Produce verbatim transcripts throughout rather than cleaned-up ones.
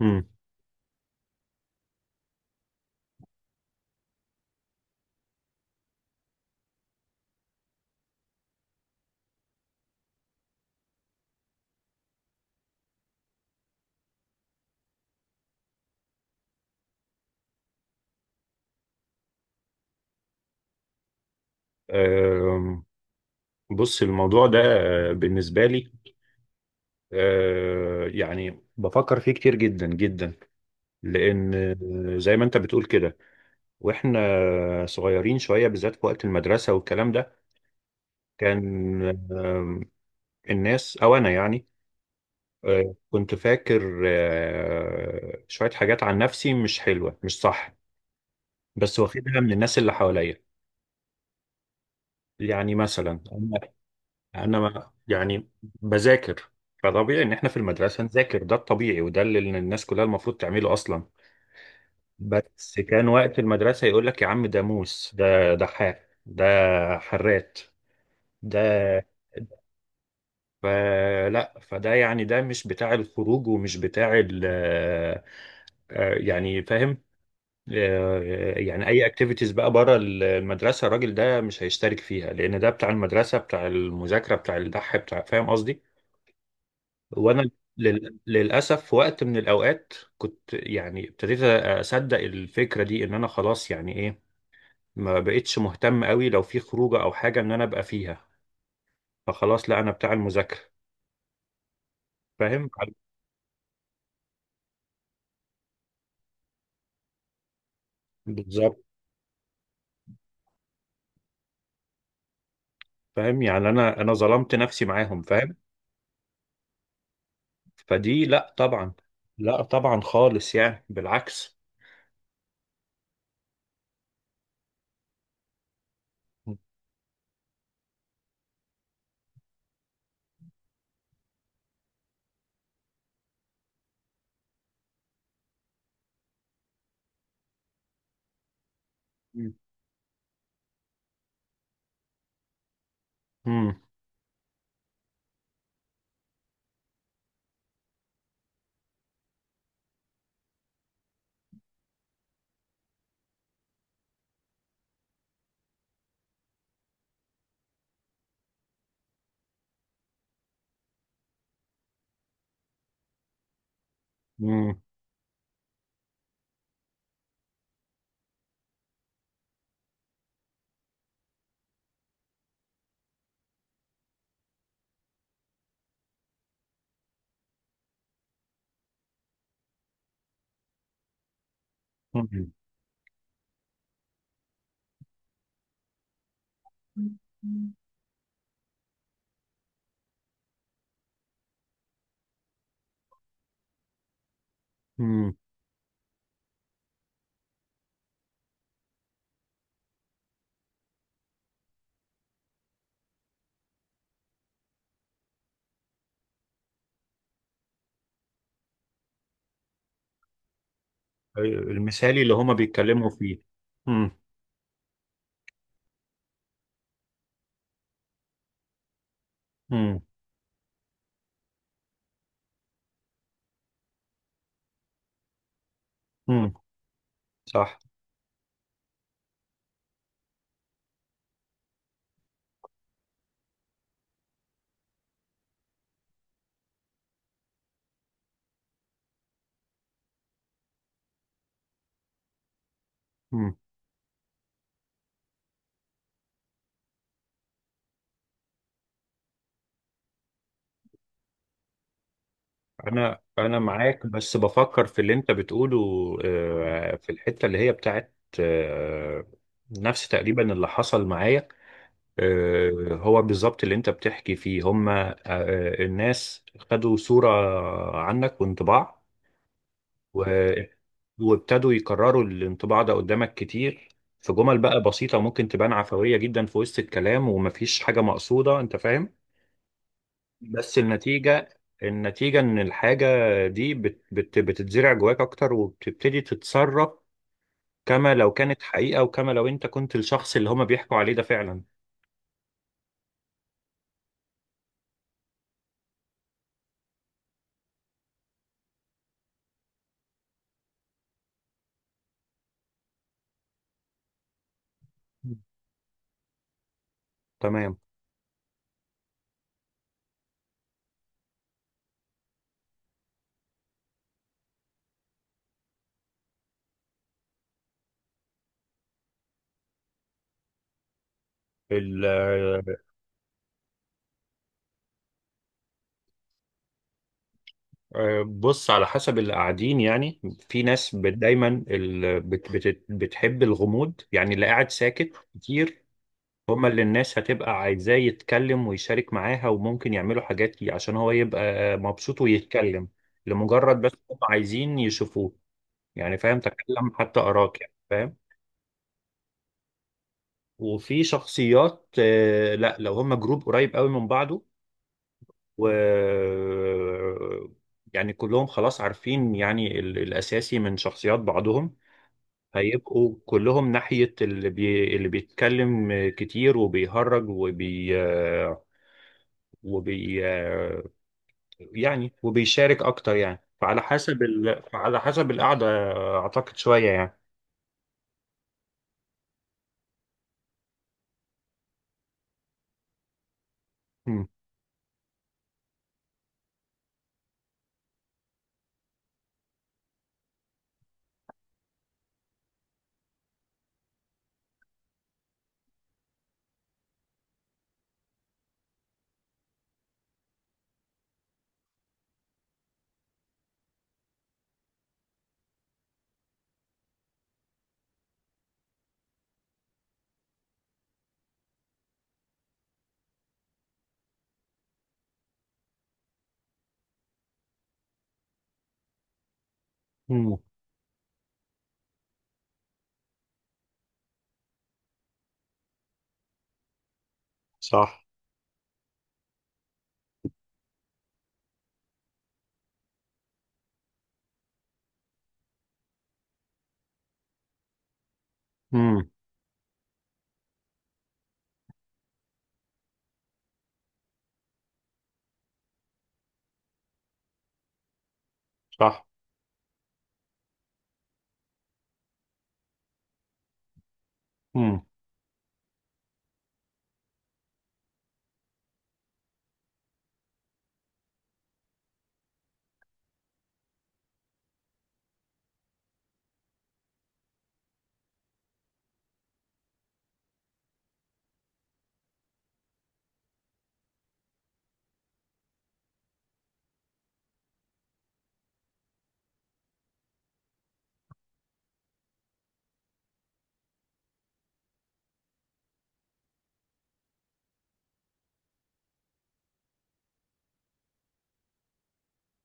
مم. آم، بص الموضوع ده، آه، بالنسبة لي آه، يعني بفكر فيه كتير جدا جدا، لأن آه، زي ما أنت بتقول كده، وإحنا صغيرين شوية بالذات في وقت المدرسة والكلام ده، كان آم، الناس أو أنا يعني آه، كنت فاكر آه، شوية حاجات عن نفسي مش حلوة مش صح، بس واخدها من الناس اللي حواليا. يعني مثلا انا ما- يعني بذاكر، فطبيعي ان احنا في المدرسه نذاكر، ده الطبيعي وده اللي الناس كلها المفروض تعمله اصلا. بس كان وقت المدرسه يقول لك يا عم ده موس، ده دحاح، ده حرات ده. فلا فده يعني ده مش بتاع الخروج ومش بتاع ال آه، آه، يعني فاهم. آه، يعني اي اكتيفيتيز بقى بره المدرسه الراجل ده مش هيشترك فيها، لان ده بتاع المدرسه، بتاع المذاكره، بتاع الدح، بتاع، فاهم قصدي. وانا لل... للاسف في وقت من الاوقات كنت يعني ابتديت اصدق الفكره دي، ان انا خلاص يعني ايه، ما بقتش مهتم قوي لو في خروجه او حاجه ان انا ابقى فيها. فخلاص لا، انا بتاع المذاكره. فاهم. بالظبط. فاهم، يعني انا انا ظلمت نفسي معاهم، فاهم. فدي لا طبعا. لا طبعا خالص، يعني بالعكس. مم. مم. مم. مم. مم. المثالي اللي هما بيتكلموا فيه. مم. مم. مم. صح. مم. انا انا معاك، بس بفكر في اللي انت بتقوله. آه، في الحته اللي هي بتاعت آه، نفس تقريبا اللي حصل معايا. آه، هو بالظبط اللي انت بتحكي فيه، هما آه، الناس خدوا صوره عنك وانطباع، و- وابتدوا يكرروا الانطباع ده قدامك كتير، في جمل بقى بسيطه ممكن تبان عفويه جدا في وسط الكلام ومفيش حاجه مقصوده، انت فاهم. بس النتيجة النتيجة إن الحاجة دي بت بت بتتزرع جواك أكتر، وبتبتدي تتصرف كما لو كانت حقيقة وكما لو أنت كنت الشخص اللي هما بيحكوا عليه ده فعلا. تمام. ال- آه، بص، على حسب اللي قاعدين يعني. في ناس بت- دايما ال- بت- بت- بتحب الغموض، يعني اللي قاعد ساكت كتير، هما اللي الناس هتبقى عايزاه يتكلم ويشارك معاها، وممكن يعملوا حاجات ي- عشان هو يبقى مبسوط ويتكلم، لمجرد بس هم عايزين يشوفوه. يعني فاهم، تكلم حتى أراك، يعني فاهم. وفي شخصيات آه، لا، لو هما جروب قريب قوي من بعضه و يعني كلهم خلاص عارفين يعني ال- الأساسي من شخصيات بعضهم، هيبقوا كلهم ناحية اللي بي... اللي بيتكلم كتير وبيهرج وبي وبي يعني وبيشارك اكتر يعني فعلى حسب ال... فعلى حسب القعده. اعتقد شويه يعني. امم. امم. صح. امم. صح. امم.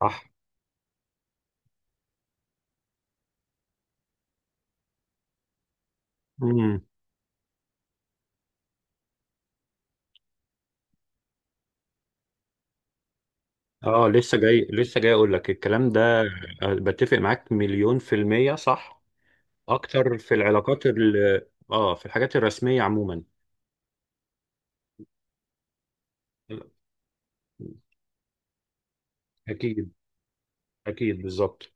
صح. امم. اه لسه جاي لسه جاي اقول لك الكلام ده. آه، بتفق معاك مليون في المية، صح. اكتر في العلاقات ال... اه في الحاجات الرسمية عموما. اكيد. اكيد بالظبط.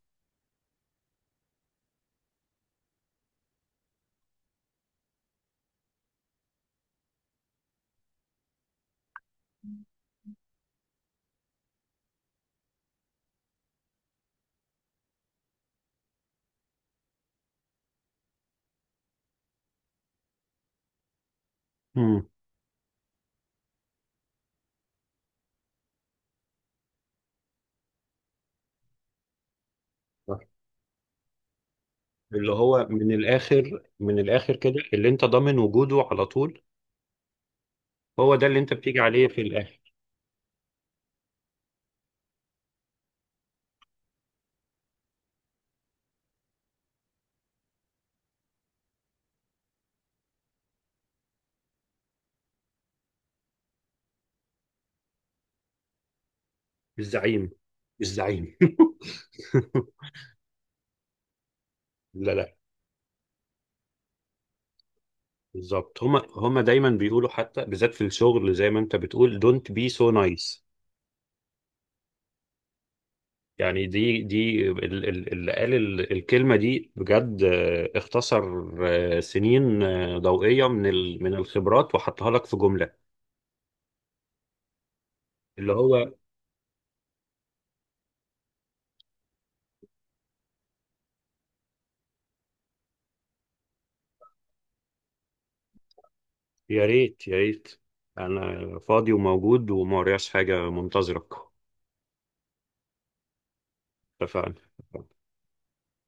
امم. اللي هو من الاخر، من الاخر كده، اللي انت ضامن وجوده على طول، هو ده اللي انت بتيجي عليه في الاخر. مش زعيم. مش زعيم. لا لا. بالظبط، هما هما دايما بيقولوا حتى بالذات في الشغل، زي ما انت بتقول don't be so nice. يعني دي دي ال- ال- اللي قال ال- الكلمة دي بجد، آه، اختصر آه، سنين آه، ضوئية من ال- من الخبرات وحطها لك في جملة. اللي هو يا ريت يا ريت، انا فاضي وموجود وما ورياش حاجة منتظرك. اتفقنا.